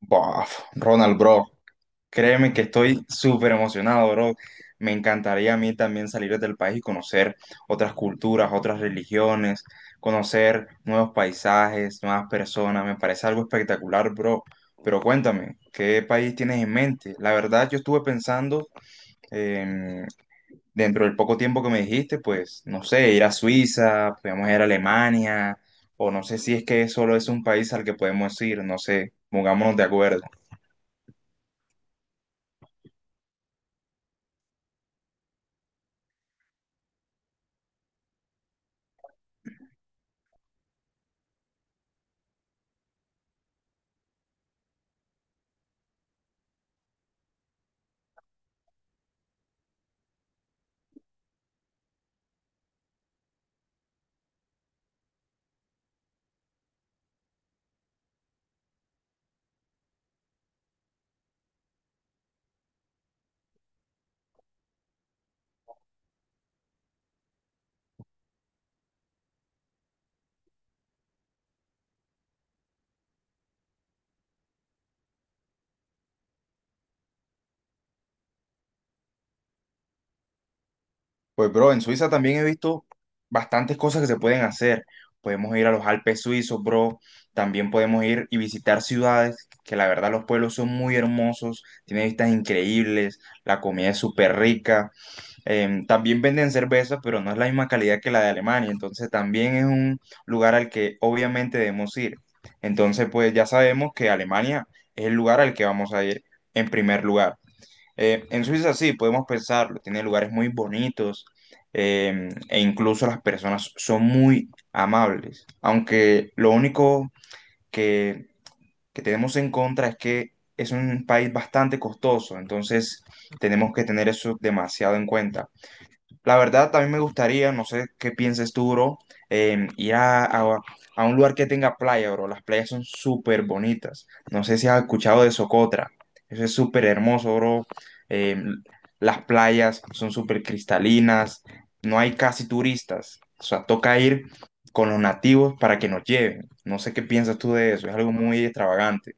Bof, Ronald, bro, créeme que estoy súper emocionado, bro. Me encantaría a mí también salir del país y conocer otras culturas, otras religiones, conocer nuevos paisajes, nuevas personas. Me parece algo espectacular, bro. Pero cuéntame, ¿qué país tienes en mente? La verdad, yo estuve pensando, em, dentro del poco tiempo que me dijiste, pues, no sé, ir a Suiza, podemos ir a Alemania, o no sé si es que solo es un país al que podemos ir, no sé, pongámonos de acuerdo. Pues bro, en Suiza también he visto bastantes cosas que se pueden hacer. Podemos ir a los Alpes suizos, bro. También podemos ir y visitar ciudades que la verdad los pueblos son muy hermosos, tienen vistas increíbles, la comida es súper rica. También venden cerveza, pero no es la misma calidad que la de Alemania. Entonces también es un lugar al que obviamente debemos ir. Entonces pues ya sabemos que Alemania es el lugar al que vamos a ir en primer lugar. En Suiza sí, podemos pensarlo, tiene lugares muy bonitos e incluso las personas son muy amables, aunque lo único que, que tenemos en contra es que es un país bastante costoso, entonces tenemos que tener eso demasiado en cuenta. La verdad, también me gustaría, no sé qué pienses tú, bro, ir a un lugar que tenga playa, bro. Las playas son súper bonitas. No sé si has escuchado de Socotra. Eso es súper hermoso, bro. Em, las playas son súper cristalinas. No hay casi turistas. O sea, toca ir con los nativos para que nos lleven. No sé qué piensas tú de eso. Es algo muy extravagante.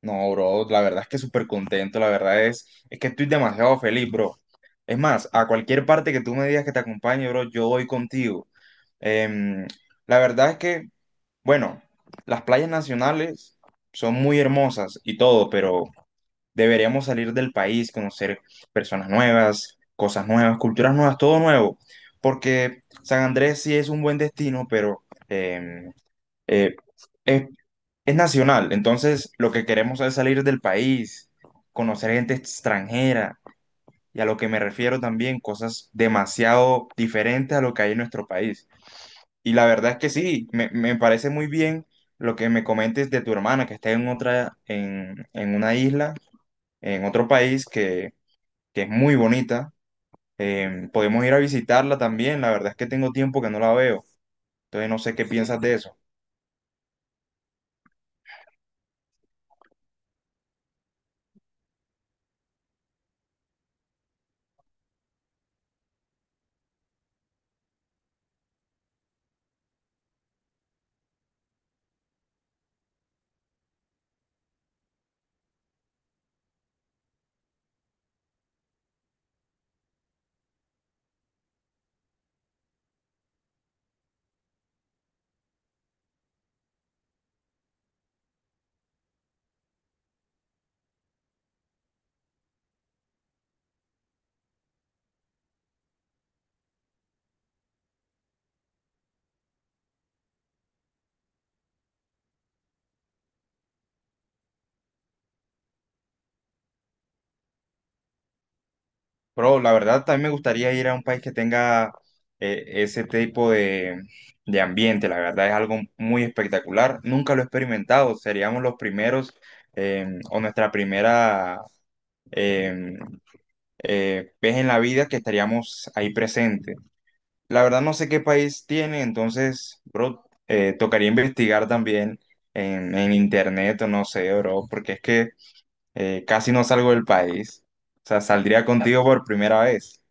No, bro, la verdad es que súper contento, la verdad es que estoy demasiado feliz, bro. Es más, a cualquier parte que tú me digas que te acompañe, bro, yo voy contigo. Em, la verdad es que, bueno, las playas nacionales son muy hermosas y todo, pero deberíamos salir del país, conocer personas nuevas, cosas nuevas, culturas nuevas, todo nuevo, porque San Andrés sí es un buen destino, pero em, eh, es nacional, entonces lo que queremos es salir del país, conocer gente extranjera y a lo que me refiero también, cosas demasiado diferentes a lo que hay en nuestro país. Y la verdad es que sí, me parece muy bien lo que me comentes de tu hermana que está en otra, en una isla, en otro país que es muy bonita. Podemos ir a visitarla también, la verdad es que tengo tiempo que no la veo, entonces no sé qué piensas de eso. Pero la verdad también me gustaría ir a un país que tenga ese tipo de ambiente. La verdad es algo muy espectacular. Nunca lo he experimentado. Seríamos los primeros o nuestra primera eh, vez en la vida que estaríamos ahí presentes. La verdad no sé qué país tiene, entonces, bro, tocaría investigar también en internet o no sé, bro, porque es que casi no salgo del país. O sea, saldría contigo por primera vez.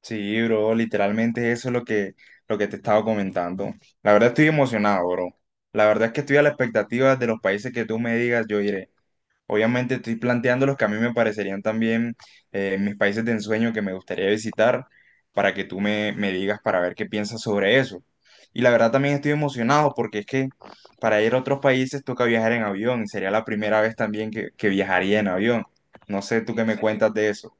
Sí, bro, literalmente eso es lo que te estaba comentando. La verdad estoy emocionado, bro. La verdad es que estoy a la expectativa de los países que tú me digas, yo iré. Obviamente estoy planteando los que a mí me parecerían también mis países de ensueño que me gustaría visitar para que tú me digas para ver qué piensas sobre eso. Y la verdad también estoy emocionado porque es que para ir a otros países toca viajar en avión. Sería la primera vez también que viajaría en avión. No sé tú qué me cuentas de eso.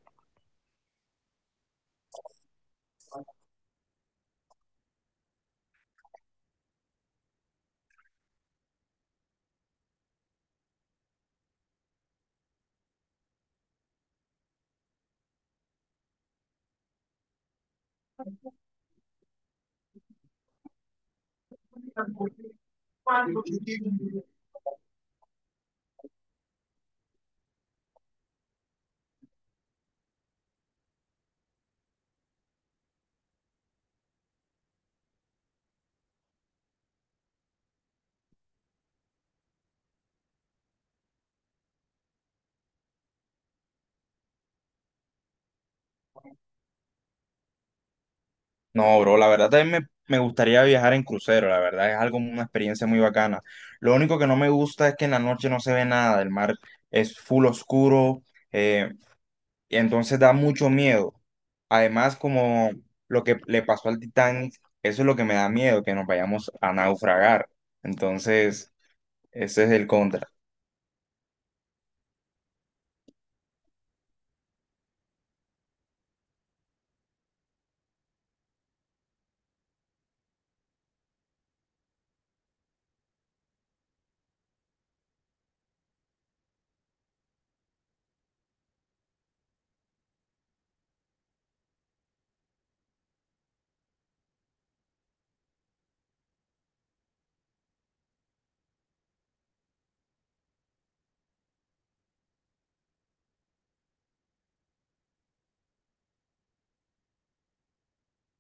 No, bro, la verdad también me gustaría viajar en crucero, la verdad es algo, una experiencia muy bacana. Lo único que no me gusta es que en la noche no se ve nada, el mar es full oscuro, eh, y entonces da mucho miedo. Además, como lo que le pasó al Titanic, eso es lo que me da miedo, que nos vayamos a naufragar. Entonces, ese es el contra.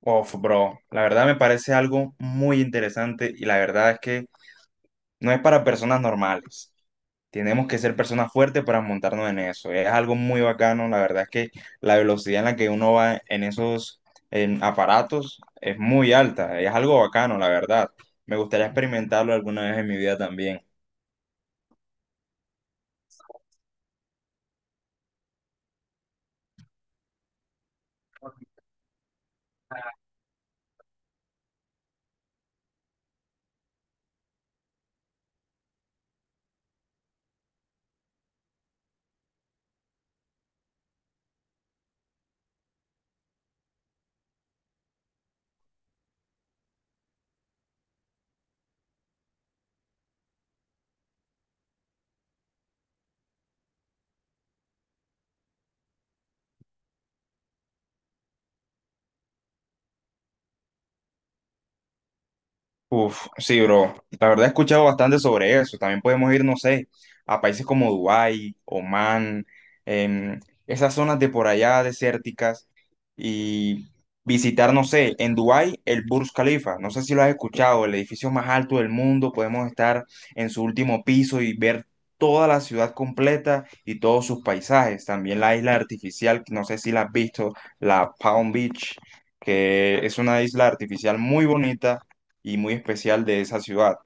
Uf, bro, la verdad me parece algo muy interesante y la verdad es que no es para personas normales. Tenemos que ser personas fuertes para montarnos en eso. Es algo muy bacano. La verdad es que la velocidad en la que uno va en esos en aparatos es muy alta. Es algo bacano, la verdad. Me gustaría experimentarlo alguna vez en mi vida también. Uf, sí, bro. La verdad he escuchado bastante sobre eso. También podemos ir, no sé, a países como Dubái, Omán, em, esas zonas de por allá desérticas y visitar, no sé, en Dubái el Burj Khalifa. No sé si lo has escuchado, el edificio más alto del mundo. Podemos estar en su último piso y ver toda la ciudad completa y todos sus paisajes. También la isla artificial, no sé si la has visto, la Palm Beach, que es una isla artificial muy bonita y muy especial de esa ciudad.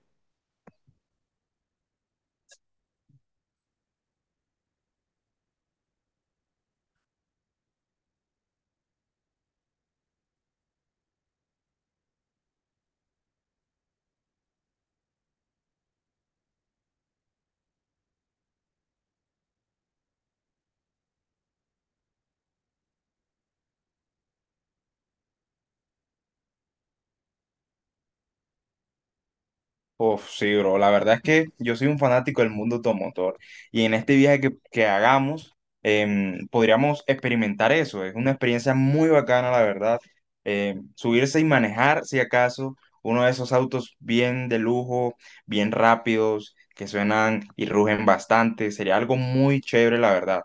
Uf, sí, bro, la verdad es que yo soy un fanático del mundo automotor y en este viaje que hagamos, podríamos experimentar eso. Es una experiencia muy bacana, la verdad. Subirse y manejar, si acaso, uno de esos autos bien de lujo, bien rápidos, que suenan y rugen bastante. Sería algo muy chévere, la verdad.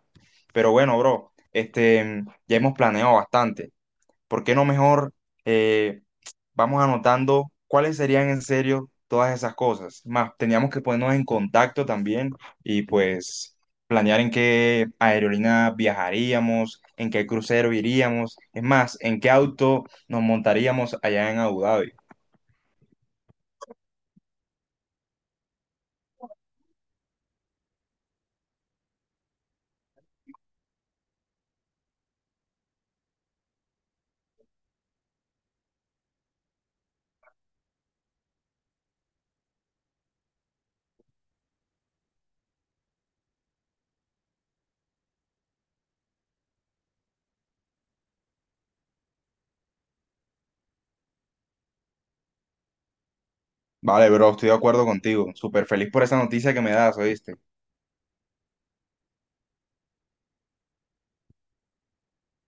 Pero bueno, bro, este, ya hemos planeado bastante. ¿Por qué no mejor... eh, vamos anotando cuáles serían en serio todas esas cosas. Más, teníamos que ponernos en contacto también y pues planear en qué aerolínea viajaríamos, en qué crucero iríamos, es más, en qué auto nos montaríamos allá en Abu Dhabi. Vale, bro, estoy de acuerdo contigo. Súper feliz por esa noticia que me das, ¿oíste?